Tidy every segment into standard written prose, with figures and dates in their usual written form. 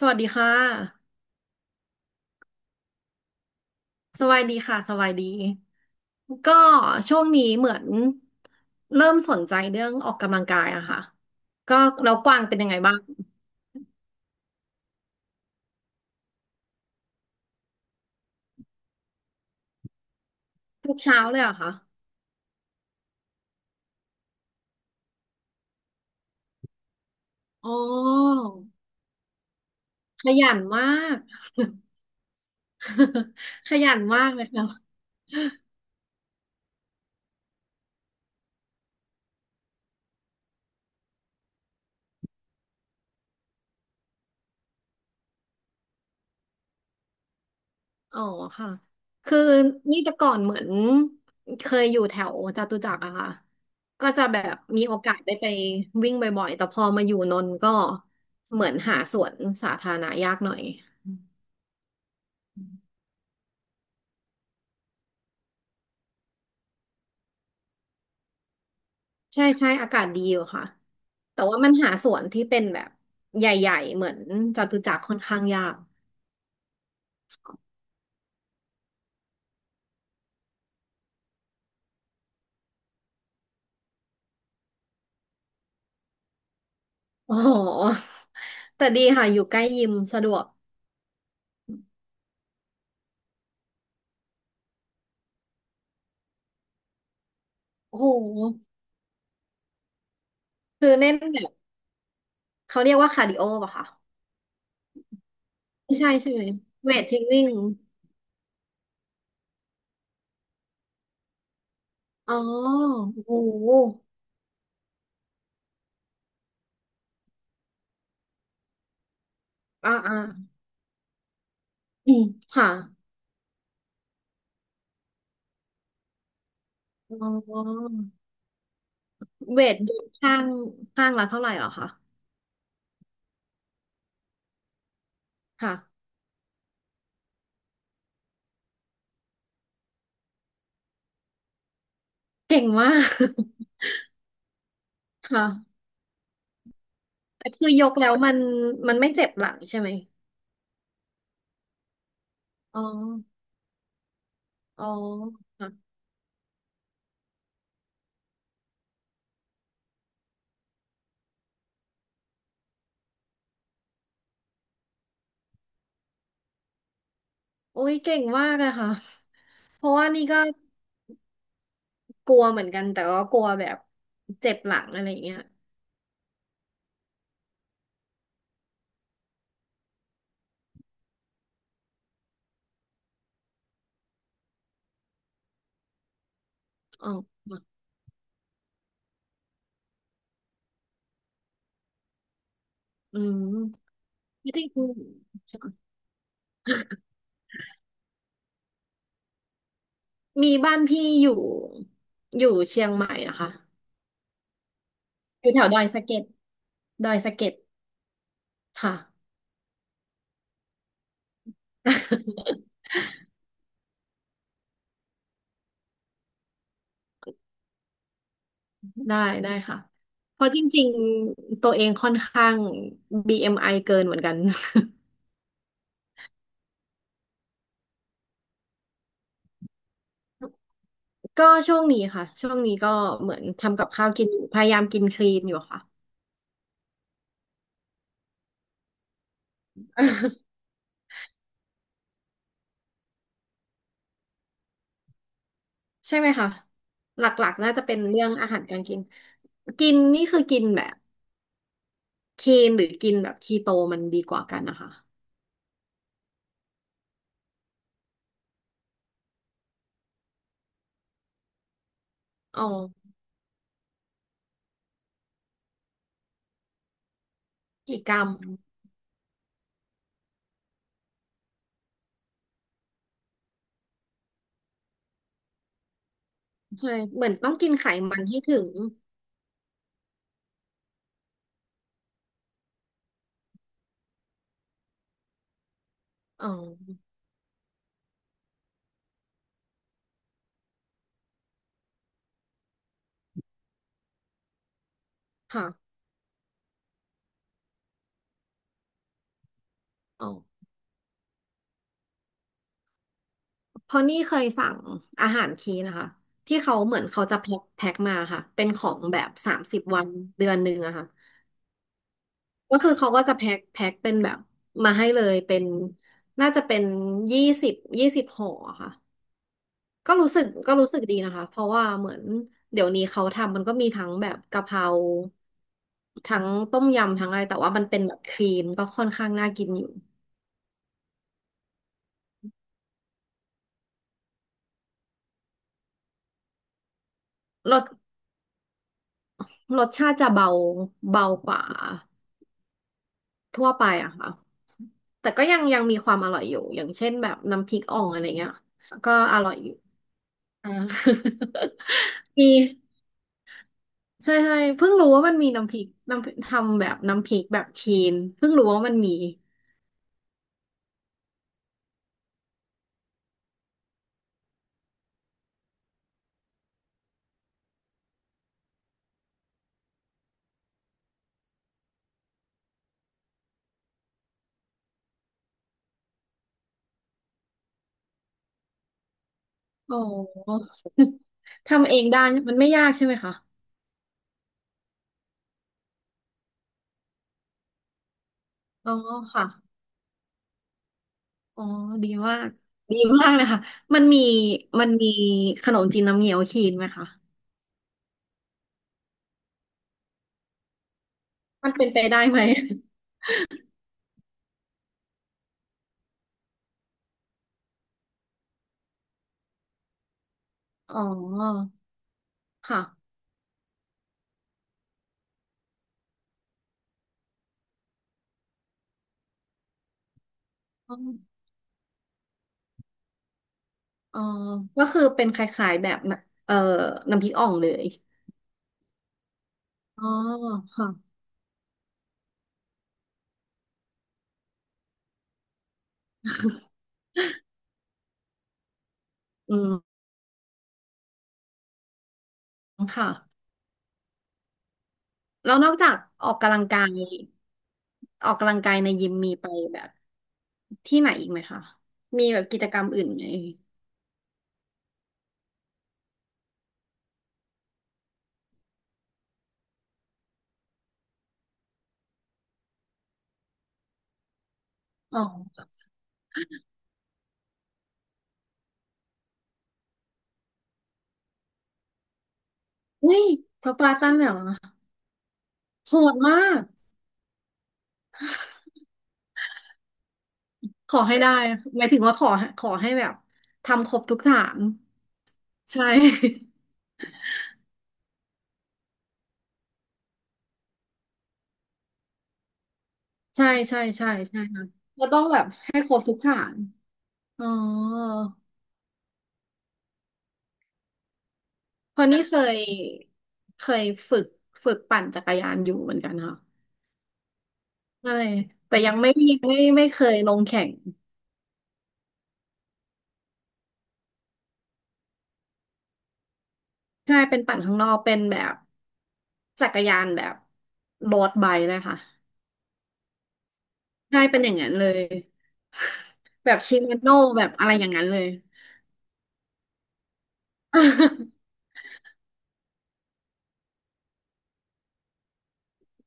สวัสดีค่ะ สวัสดีค่ะ สวัสดี ก็ช่วงนี้เหมือนเริ่มสนใจเรื่องออกกำลังกายอะค่ะก็แล้วกวางเป็นยังไงบ้างทุกเช้าเลยเหรอะคะอ๋อขยันมาก ขยันมากเลยค่ะอ๋อค่ะคือนี่แต่ก่อนเหมือนเคยอยู่แถวจตุจักรอะค่ะก็จะแบบมีโอกาสได้ไปวิ่งบ่อยๆแต่พอมาอยู่นนท์ก็เหมือนหาสวนสาธารณะยากหน่อย ใช่ใช่อากาศดีอยู่ค่ะแต่ว่ามันหาสวนที่เป็นแบบใหญ่ๆเหมือนจตุจักรค่อนข้างยากโอ้โหแต่ดีค่ะอยู่ใกล้ยิมสะดวกโอ้โหคือเน้นแบบเขาเรียกว่าคาร์ดิโอป่ะคะไม่ใช่ใช่ไหมเวทเทรนนิ่งอ๋อโอ้โหอ่าอ่าอืมค่ะอ๋อเวทอยู่ข้างข้างละเท่าไหร่เหรอคะค่ะเก่งมาก ค่ะแต่คือยกแล้วมันมันไม่เจ็บหลังใช่ไหม อ๋ออ๋อค่ะอุ๊ยเก่งมากเลยค่ะ เพราะว่านี่ก็กลัวเหมือนกันแต่ก็กลัวแบบเจ็บหลังอะไรอย่างเงี้ยอ๋ออืม ไม่ได้กลัวมีบ้านพี่อยู่อยู่เชียงใหม่นะคะอยู่แถวดอยสะเก็ดดอยสะเก็ดค่ะ ได้ได้ค่ะเพราะจริงๆตัวเองค่อนข้าง BMI เอ็มไอเกินเหมือนกัน ก็ช่วงนี้ค่ะช่วงนี้ก็เหมือนทำกับข้าวกินอยู่พยายามกินคลีนอยู่ค่ะ ใช่ไหมคะหลักๆน่าจะเป็นเรื่องอาหารการกินกินนี่คือกินแบบคีนหรือกินแบบคีโตมันดีกว่ากันนะคะอ๋อกี่กรัมใช่เหมือนต้องกินไขมันให้ถึงอ๋อค่ะอ๋อเพราะนี่เคยสั่งอาหารคีนนะคะที่เขาเหมือนเขาจะแพ็คแพ็คมาค่ะเป็นของแบบ30 วันเดือนหนึ่งอะค่ะก็คือเขาก็จะแพ็คแพ็คเป็นแบบมาให้เลยเป็นน่าจะเป็น20 20 ห่ออะค่ะ ก็รู้สึกก็รู้สึกดีนะคะเพราะว่าเหมือนเดี๋ยวนี้เขาทำมันก็มีทั้งแบบกะเพราทั้งต้มยำทั้งอะไรแต่ว่ามันเป็นแบบคลีนก็ค่อนข้างน่ากินอยู่รสรสชาติจะเบาเบากว่าทั่วไปอะค่ะแต่ก็ยังยังมีความอร่อยอยู่อย่างเช่นแบบน้ำพริกอ่องอะไรเงี้ยก็อร่อยอยู่อ่า มีใช่ใช่เพิ่งรู้ว่ามันมีน้ำพริกน้ำพริกทำแบบน้ำพริกแบบคลีนเพิ่งรู้ว่ามันมีอ๋อ ทำเองได้มันไม่ยากใช่ไหมคะ อ๋อค่ะ อ๋อดีมากดีมากเลยค่ะมันมีมันมีขนมจีนน้ำเงี้ยวคีนไหมคะมันเป็นไปได้ไหม อ๋อค่ะอ๋ออ๋อก็คือเป็นคล้ายๆแบบน่ะเอ่อน้ำพริกอ่องเลยอ๋อค่ะอืมค่ะแล้วนอกจากออกกำลังกายออกกำลังกายในยิมมีไปแบบที่ไหนอีกไหมคะมีแบบกิจกรรมอื่นไหมอ๋อ อุ้ยพระปลาจ้างแบบโหดมากขอให้ได้หมายถึงว่าขอขอให้แบบทำครบทุกฐานใช่ ใช่ใช่ใช่ใช่ค่ะเราต้องแบบให้ครบทุกฐานอ๋อเพราะนี่เคยเคยฝึกฝึกปั่นจักรยานอยู่เหมือนกันค่ะใช่แต่ยังไม่มีไม่ไม่เคยลงแข่งใช่เป็นปั่นข้างนอกเป็นแบบจักรยานแบบโรดไบค์เลยค่ะใช่เป็นอย่างนั้นเลย แบบชิเมโนแบบอะไรอย่างนั้นเลย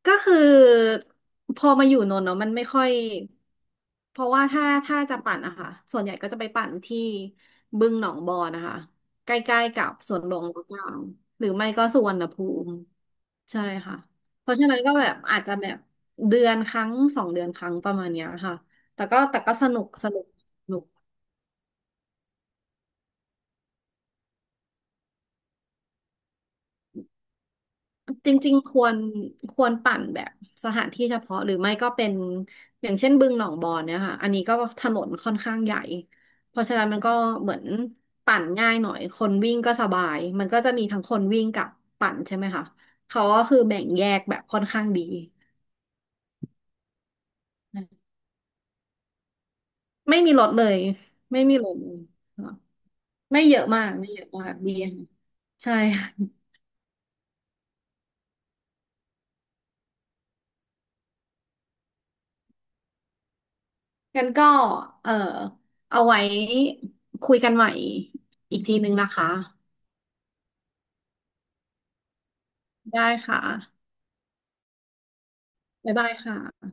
ก็คือพอมาอยู่นนท์เนาะมันไม่ค่อยเพราะว่าถ้าถ้าจะปั่นอะค่ะส่วนใหญ่ก็จะไปปั่นที่บึงหนองบอนนะคะใกล้ๆกับสวนหลวงรัชกาลหรือไม่ก็สุวรรณภูมิใช่ค่ะเพราะฉะนั้นก็แบบอาจจะแบบเดือนครั้งสองเดือนครั้งประมาณเนี้ยค่ะแต่ก็แต่ก็สนุกสนุก จริงๆ ควรควรปั่นแบบสถานที่เฉพาะหรือไม่ก็เป็นอย่างเช่นบึงหนองบอนเนี่ยค่ะอันนี้ก็ถนนค่อนข้างใหญ่เพราะฉะนั้นมันก็เหมือนปั่นง่ายหน่อยคนวิ่งก็สบายมันก็จะมีทั้งคนวิ่งกับปั่นใช่ไหมคะเขาก็คือแบ่งแยกแบบค่อนข้างดีไม่มีรถเลยไม่มีรถเลยค่ะไม่เยอะมากไม่เยอะมากดีค่ะใช่ค่ะงั้นก็เออเอาไว้คุยกันใหม่อีกทีนึงนะคะ ได้ค่ะบ๊ายบายค่ะ